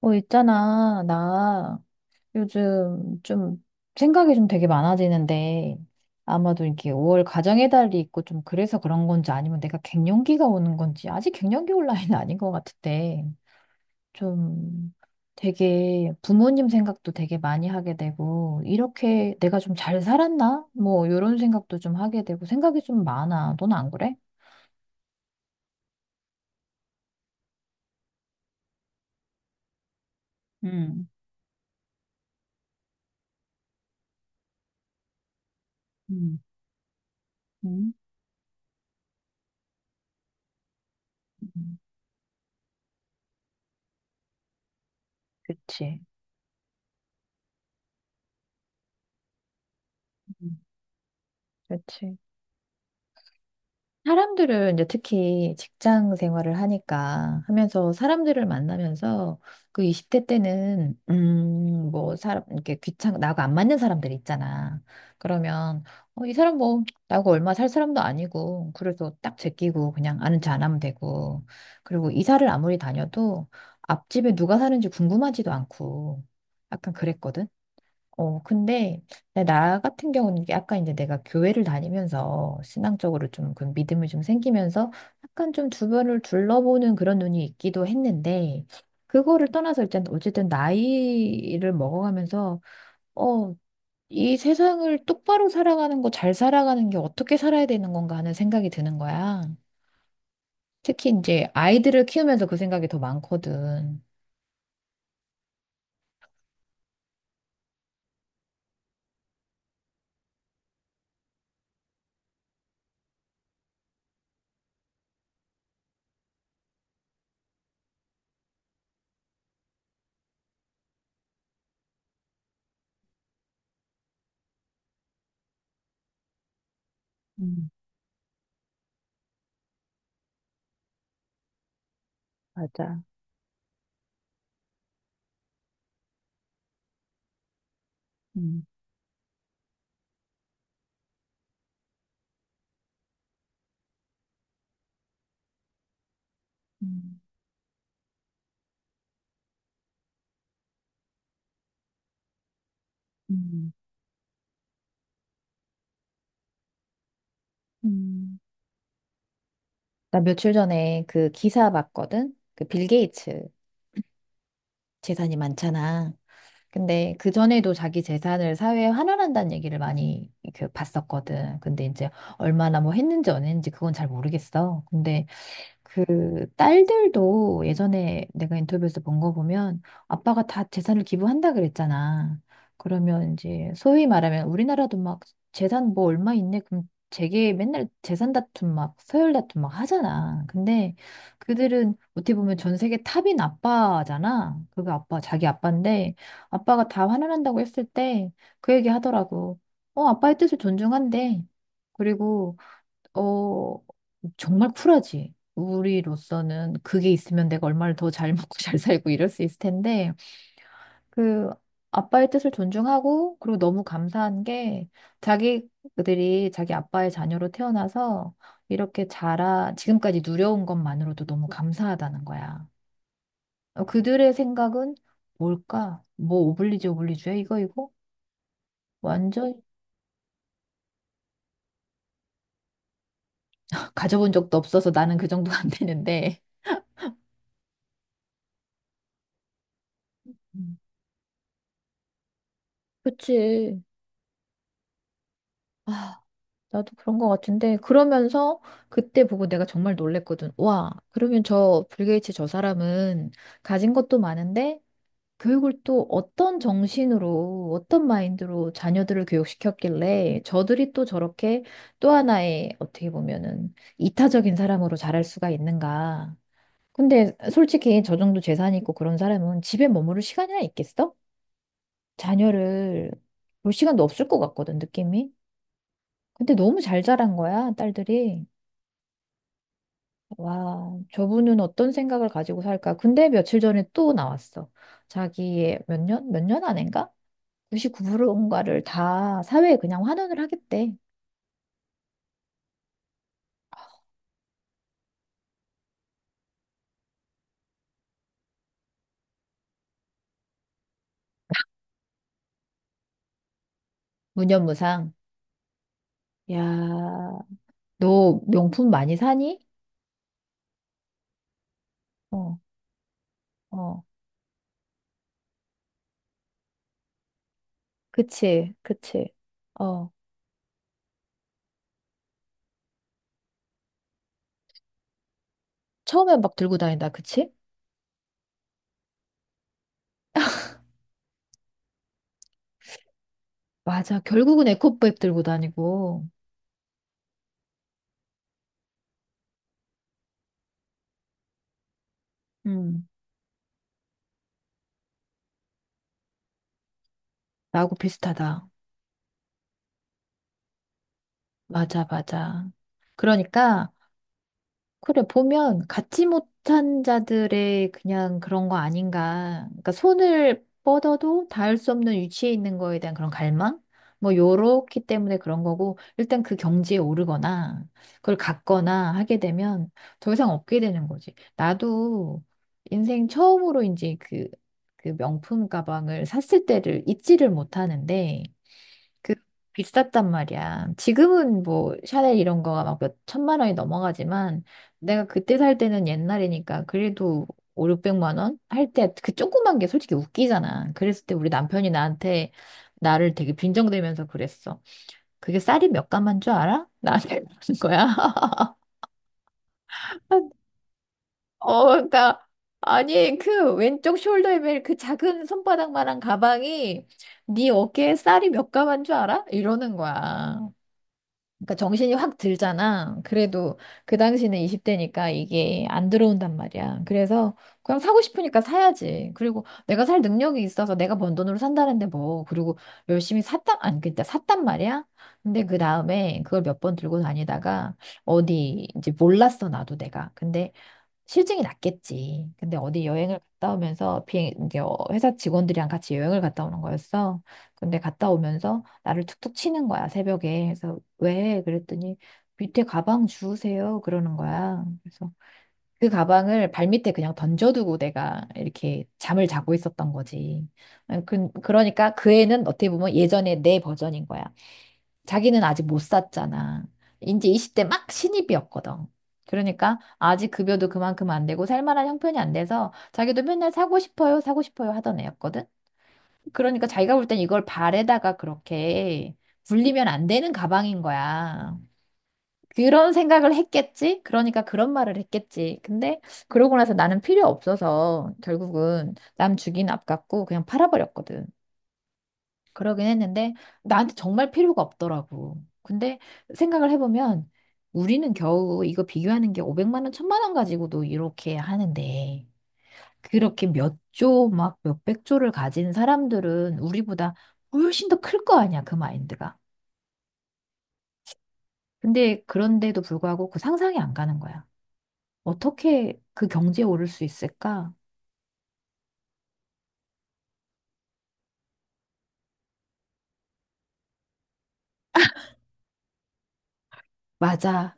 있잖아. 나 요즘 좀 생각이 좀 되게 많아지는데 아마도 이렇게 5월 가정의 달이 있고 좀 그래서 그런 건지 아니면 내가 갱년기가 오는 건지 아직 갱년기 올 나이는 아닌 것 같은데 좀 되게 부모님 생각도 되게 많이 하게 되고 이렇게 내가 좀 잘 살았나? 뭐 이런 생각도 좀 하게 되고 생각이 좀 많아. 넌 안 그래? 응, 응, 응, 음, 그치. 음. 그치. 사람들을 이제 특히 직장 생활을 하니까 하면서 사람들을 만나면서 그 20대 때는 뭐 사람 이렇게 귀찮 나하고 안 맞는 사람들 있잖아. 그러면 이 사람 뭐 나하고 얼마 살 사람도 아니고 그래서 딱 제끼고 그냥 아는 척 안 하면 되고 그리고 이사를 아무리 다녀도 앞집에 누가 사는지 궁금하지도 않고 약간 그랬거든. 근데 나 같은 경우는 약간 이제 내가 교회를 다니면서 신앙적으로 좀 그 믿음이 좀 생기면서 약간 좀 주변을 둘러보는 그런 눈이 있기도 했는데 그거를 떠나서 일단 어쨌든 나이를 먹어가면서 어, 이 세상을 똑바로 살아가는 거, 잘 살아가는 게 어떻게 살아야 되는 건가 하는 생각이 드는 거야. 특히 이제 아이들을 키우면서 그 생각이 더 많거든. 음, 맞아. 음, 음. 음, 음. 나 며칠 전에 그 기사 봤거든? 그 빌 게이츠 재산이 많잖아. 근데 그 전에도 자기 재산을 사회에 환원한다는 얘기를 많이 그 봤었거든. 근데 이제 얼마나 뭐 했는지 안 했는지 그건 잘 모르겠어. 근데 그 딸들도 예전에 내가 인터뷰에서 본 거 보면 아빠가 다 재산을 기부한다 그랬잖아. 그러면 이제 소위 말하면 우리나라도 막 재산 뭐 얼마 있네 그럼 제게 맨날 재산 다툼 막 서열 다툼 막 하잖아. 근데 그들은 어떻게 보면 전 세계 탑인 아빠잖아. 그거 아빠 자기 아빠인데 아빠가 다 환원한다고 했을 때 그 얘기 하더라고. 아빠의 뜻을 존중한대. 그리고 어 정말 쿨하지. 우리로서는 그게 있으면 내가 얼마를 더 잘 먹고 잘 살고 이럴 수 있을 텐데, 그 아빠의 뜻을 존중하고, 그리고 너무 감사한 게, 자기들이 자기 아빠의 자녀로 태어나서 이렇게 자라, 지금까지 누려온 것만으로도 너무 감사하다는 거야. 그들의 생각은 뭘까? 뭐 오블리주 오블리주야? 이거, 이거? 완전 가져본 적도 없어서 나는 그 정도 안 되는데. 음. 그치. 아, 나도 그런 것 같은데 그러면서 그때 보고 내가 정말 놀랬거든. 와, 그러면 저 빌 게이츠 저 사람은 가진 것도 많은데 교육을 또 어떤 정신으로 어떤 마인드로 자녀들을 교육시켰길래 저들이 또 저렇게 또 하나의 어떻게 보면은 이타적인 사람으로 자랄 수가 있는가. 근데 솔직히 저 정도 재산 있고 그런 사람은 집에 머무를 시간이나 있겠어? 자녀를 볼 시간도 없을 것 같거든, 느낌이. 근데 너무 잘 자란 거야, 딸들이. 와, 저분은 어떤 생각을 가지고 살까? 근데 며칠 전에 또 나왔어. 자기의 몇 년? 몇 년 안인가? 99%인가를 다 사회에 그냥 환원을 하겠대. 무념무상. 야, 너 명품 많이 사니? 어, 어, 그치, 그치. 어, 처음엔 막 들고 다닌다, 그치? 맞아. 결국은 에코백 들고 다니고. 음, 나하고 비슷하다. 맞아, 맞아. 그러니까 그래, 보면 갖지 못한 자들의 그냥 그런 거 아닌가. 그러니까 손을 뻗어도 닿을 수 없는 위치에 있는 거에 대한 그런 갈망? 뭐, 요렇기 때문에 그런 거고, 일단 그 경지에 오르거나, 그걸 갖거나 하게 되면 더 이상 없게 되는 거지. 나도 인생 처음으로 이제 그 명품 가방을 샀을 때를 잊지를 못하는데, 그 비쌌단 말이야. 지금은 뭐 샤넬 이런 거가 막 몇 천만 원이 넘어가지만 내가 그때 살 때는 옛날이니까 그래도 5, 600만 원 할 때 그 조그만 게 솔직히 웃기잖아. 그랬을 때 우리 남편이 나한테 나를 되게 빈정대면서 그랬어. 그게 쌀이 몇 가만 줄 알아? 나한테 그러는 거야. 그러니까 아니 그 왼쪽 숄더에 매일 그 작은 손바닥만한 가방이 네 어깨에 쌀이 몇 가만 줄 알아? 이러는 거야. 그러니까 정신이 확 들잖아. 그래도 그 당시는 20대니까 이게 안 들어온단 말이야. 그래서 그냥 사고 싶으니까 사야지. 그리고 내가 살 능력이 있어서 내가 번 돈으로 산다는데 뭐. 그리고 열심히 샀단, 아니, 그때 샀단 말이야. 근데 그 다음에 그걸 몇 번 들고 다니다가 어디 이제 몰랐어, 나도 내가. 근데 싫증이 났겠지. 근데 어디 여행을 갔다 오면서 비행 이제 회사 직원들이랑 같이 여행을 갔다 오는 거였어. 근데 갔다 오면서 나를 툭툭 치는 거야, 새벽에. 그래서 왜? 그랬더니 밑에 가방 주우세요. 그러는 거야. 그래서 그 가방을 발밑에 그냥 던져두고 내가 이렇게 잠을 자고 있었던 거지. 그러니까 그 애는 어떻게 보면 예전에 내 버전인 거야. 자기는 아직 못 샀잖아. 이제 20대 막 신입이었거든. 그러니까 아직 급여도 그만큼 안 되고 살만한 형편이 안 돼서 자기도 맨날 사고 싶어요, 사고 싶어요 하던 애였거든. 그러니까 자기가 볼 땐 이걸 발에다가 그렇게 굴리면 안 되는 가방인 거야. 그런 생각을 했겠지? 그러니까 그런 말을 했겠지. 근데 그러고 나서 나는 필요 없어서 결국은 남 주긴 아깝고 그냥 팔아버렸거든. 그러긴 했는데 나한테 정말 필요가 없더라고. 근데 생각을 해보면 우리는 겨우 이거 비교하는 게 500만 원, 1000만 원 가지고도 이렇게 하는데 그렇게 몇 조, 막 몇백 조를 가진 사람들은 우리보다 훨씬 더 클 거 아니야, 그 마인드가. 근데 그런데도 불구하고 그 상상이 안 가는 거야. 어떻게 그 경지에 오를 수 있을까? 맞아.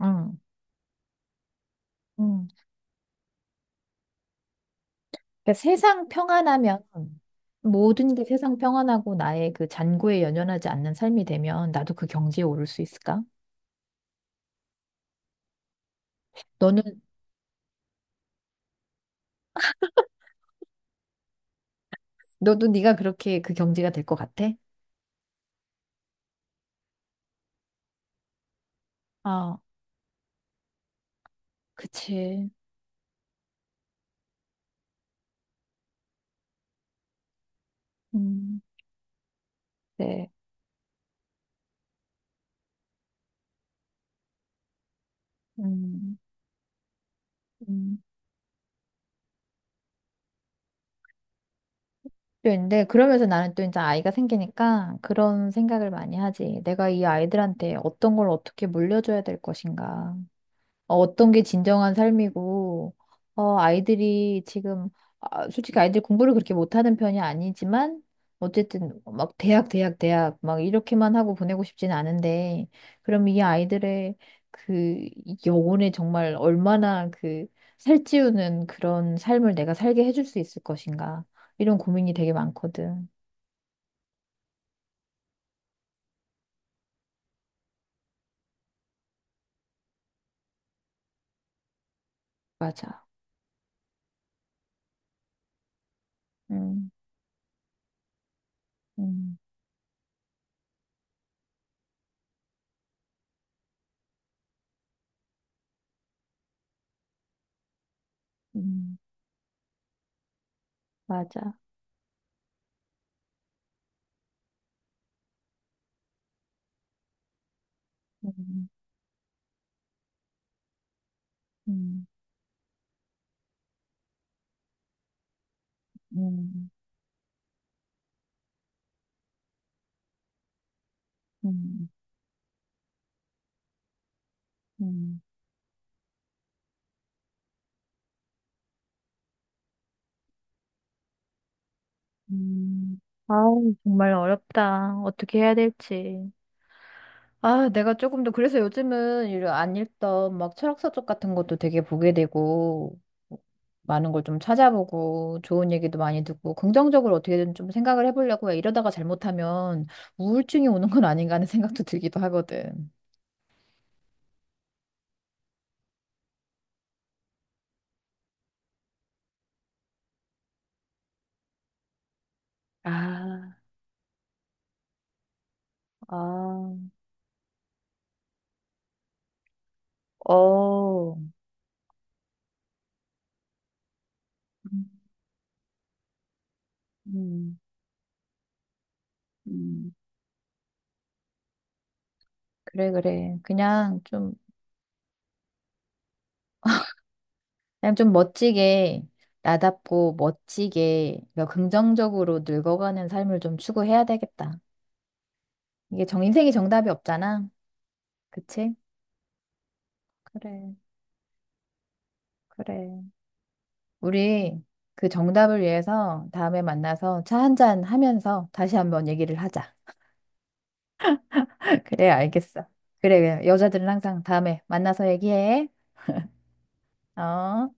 응. 응. 그러니까 세상 평안하면 모든 게 세상 평안하고 나의 그 잔고에 연연하지 않는 삶이 되면 나도 그 경지에 오를 수 있을까? 너는 너도 네가 그렇게 그 경지가 될 것 같아? 아, 그치. 음, 네. 음, 음. 또 근데 그러면서 나는 또 이제 아이가 생기니까 그런 생각을 많이 하지. 내가 이 아이들한테 어떤 걸 어떻게 물려줘야 될 것인가. 어떤 게 진정한 삶이고, 아이들이 지금, 아, 솔직히 아이들 공부를 그렇게 못하는 편이 아니지만, 어쨌든 막 대학, 대학, 대학, 막 이렇게만 하고 보내고 싶진 않은데, 그럼 이 아이들의 그 영혼에 정말 얼마나 그 살찌우는 그런 삶을 내가 살게 해줄 수 있을 것인가, 이런 고민이 되게 많거든. 맞아. 음, 음, 음, 맞아. 음, 음, 음, 음, 음. 음, 아우, 정말 어렵다. 어떻게 해야 될지. 아, 내가 조금 더, 그래서 요즘은 이런 안 읽던 막 철학서 쪽 같은 것도 되게 보게 되고, 많은 걸 좀 찾아보고, 좋은 얘기도 많이 듣고, 긍정적으로 어떻게든 좀 생각을 해보려고 해. 이러다가 잘못하면 우울증이 오는 건 아닌가 하는 생각도 들기도 하거든. 아, 아, 어, 음. 음, 음. 그래, 그래. 그냥 좀 멋지게 나답고 멋지게 그러니까 긍정적으로 늙어가는 삶을 좀 추구해야 되겠다. 이게 정 인생이 정답이 없잖아. 그치? 그래, 그래. 우리 그 정답을 위해서 다음에 만나서 차 한 잔 하면서 다시 한번 얘기를 하자. 그래, 알겠어. 그래, 그래. 여자들은 항상 다음에 만나서 얘기해. 어?